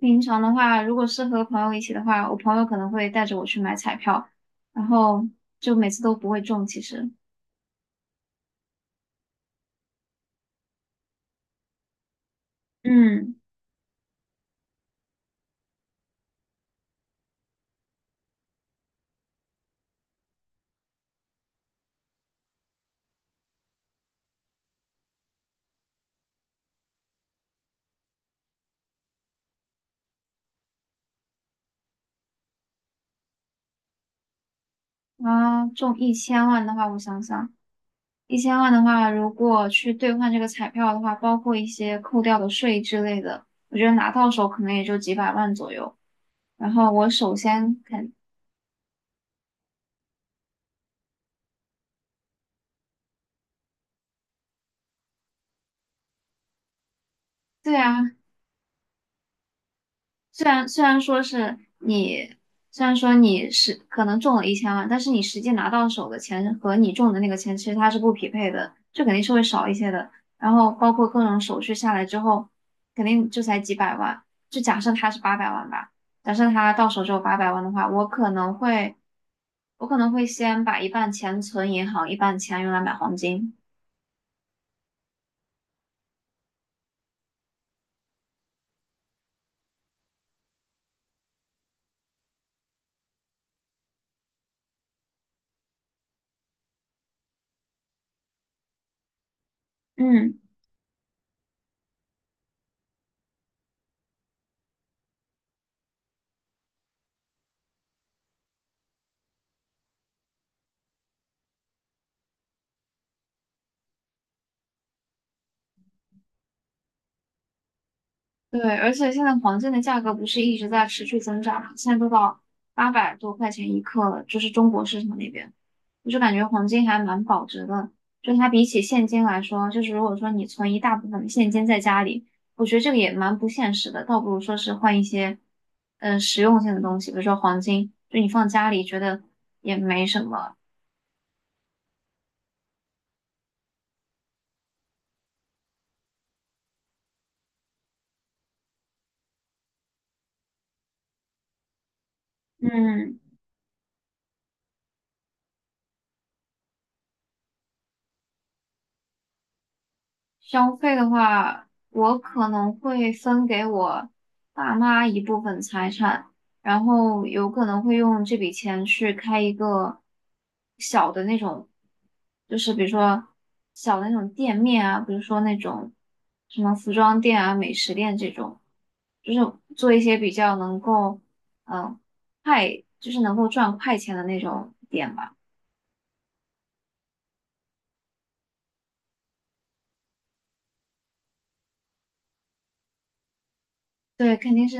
平常的话，如果是和朋友一起的话，我朋友可能会带着我去买彩票，然后就每次都不会中。其实，嗯，中一千万的话，我想想，一千万的话，如果去兑换这个彩票的话，包括一些扣掉的税之类的，我觉得拿到手可能也就几百万左右。然后我首先肯，对啊，虽然说是你，虽然说你是可能中了一千万，但是你实际拿到手的钱和你中的那个钱其实它是不匹配的，就肯定是会少一些的。然后包括各种手续下来之后，肯定就才几百万。就假设它是八百万吧，假设它到手只有八百万的话，我可能会先把一半钱存银行，一半钱用来买黄金。嗯。对，而且现在黄金的价格不是一直在持续增长嘛，现在都到800多块钱一克了，就是中国市场那边，我就感觉黄金还蛮保值的。就它比起现金来说，就是如果说你存一大部分的现金在家里，我觉得这个也蛮不现实的，倒不如说是换一些实用性的东西，比如说黄金，就你放家里觉得也没什么，嗯。消费的话，我可能会分给我爸妈一部分财产，然后有可能会用这笔钱去开一个小的那种，就是比如说小的那种店面啊，比如说那种什么服装店啊、美食店这种，就是做一些比较能够嗯快，就是能够赚快钱的那种店吧。对，肯定是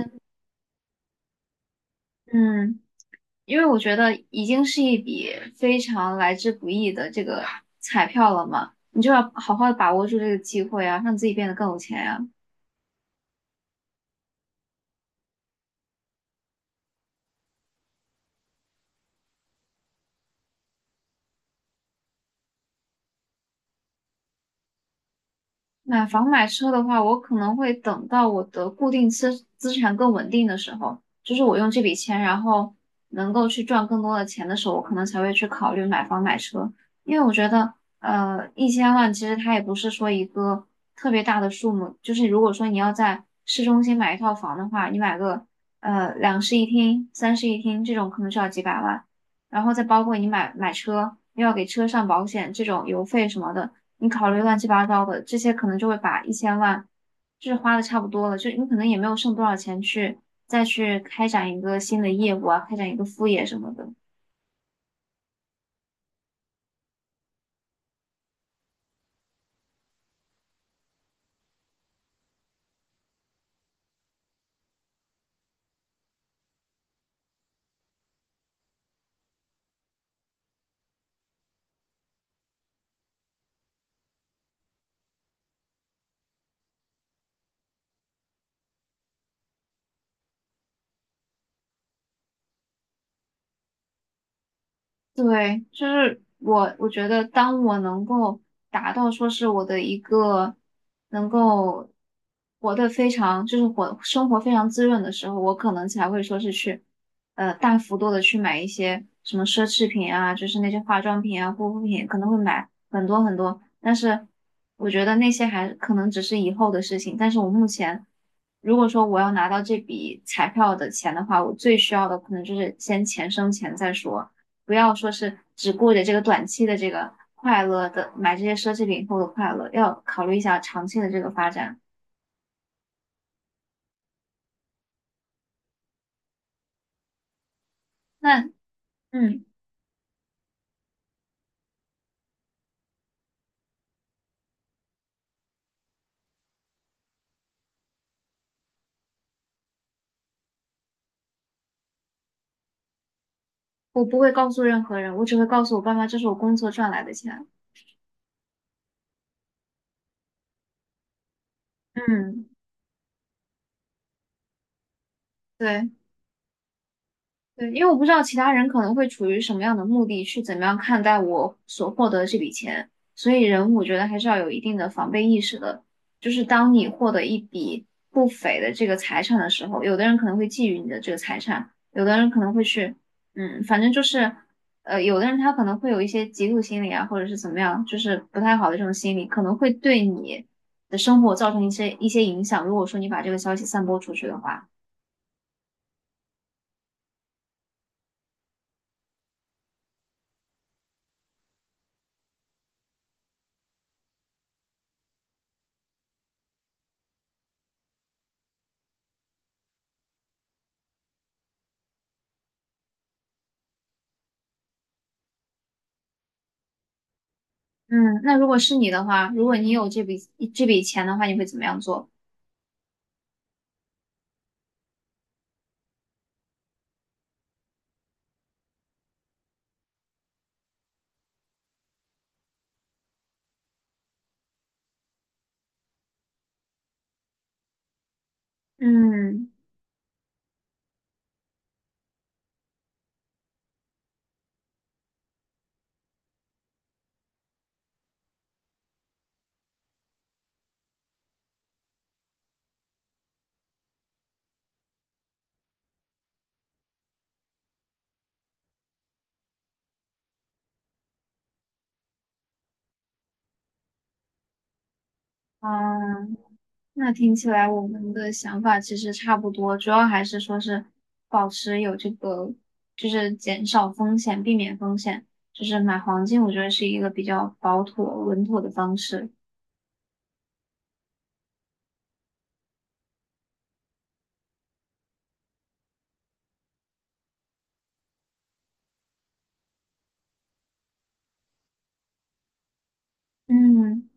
嗯。因为我觉得已经是一笔非常来之不易的这个彩票了嘛，你就要好好的把握住这个机会啊，让自己变得更有钱呀。买房买车的话，我可能会等到我的固定资产更稳定的时候，就是我用这笔钱，然后能够去赚更多的钱的时候，我可能才会去考虑买房买车。因为我觉得，一千万其实它也不是说一个特别大的数目，就是如果说你要在市中心买一套房的话，你买个两室一厅、三室一厅这种可能就要几百万，然后再包括你买车，又要给车上保险，这种油费什么的。你考虑乱七八糟的，这些可能就会把一千万就是花的差不多了，就你可能也没有剩多少钱去再去开展一个新的业务啊，开展一个副业什么的。对，我觉得当我能够达到说是我的一个能够活得非常，就是活生活非常滋润的时候，我可能才会说是去，大幅度的去买一些什么奢侈品啊，就是那些化妆品啊、护肤品，可能会买很多很多。但是我觉得那些还可能只是以后的事情。但是我目前，如果说我要拿到这笔彩票的钱的话，我最需要的可能就是先钱生钱再说。不要说是只顾着这个短期的这个快乐的买这些奢侈品后的快乐，要考虑一下长期的这个发展。那嗯，我不会告诉任何人，我只会告诉我爸妈，这是我工作赚来的钱。嗯，对，对，因为我不知道其他人可能会处于什么样的目的，去怎么样看待我所获得的这笔钱，所以人我觉得还是要有一定的防备意识的。就是当你获得一笔不菲的这个财产的时候，有的人可能会觊觎你的这个财产，有的人可能会去，反正就是，有的人他可能会有一些嫉妒心理啊，或者是怎么样，就是不太好的这种心理，可能会对你的生活造成一些影响。如果说你把这个消息散播出去的话。嗯，那如果是你的话，如果你有这笔钱的话，你会怎么样做？嗯，啊，那听起来我们的想法其实差不多，主要还是说是保持有这个，就是减少风险，避免风险，就是买黄金，我觉得是一个比较保妥、稳妥的方式。嗯，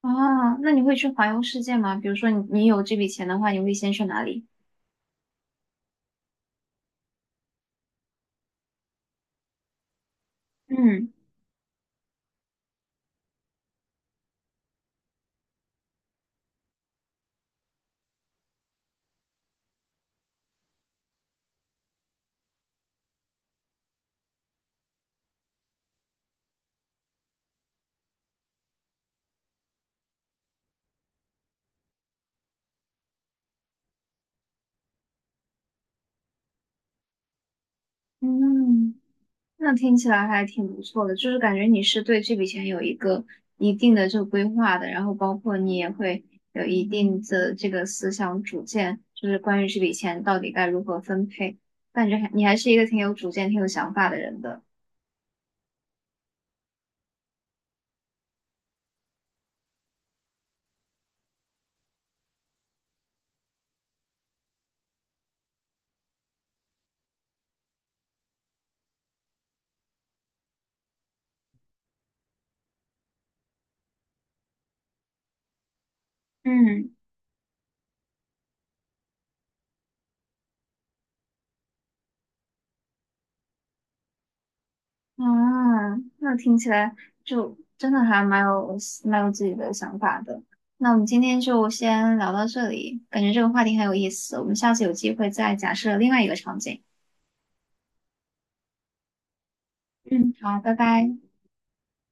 那你会去环游世界吗？比如说你有这笔钱的话，你会先去哪里？嗯嗯。那听起来还挺不错的，就是感觉你是对这笔钱有一个一定的这个规划的，然后包括你也会有一定的这个思想主见，就是关于这笔钱到底该如何分配，感觉还你还是一个挺有主见、挺有想法的人的。嗯，啊，那听起来就真的还蛮有自己的想法的。那我们今天就先聊到这里，感觉这个话题很有意思，我们下次有机会再假设另外一个场景。嗯，好，拜拜。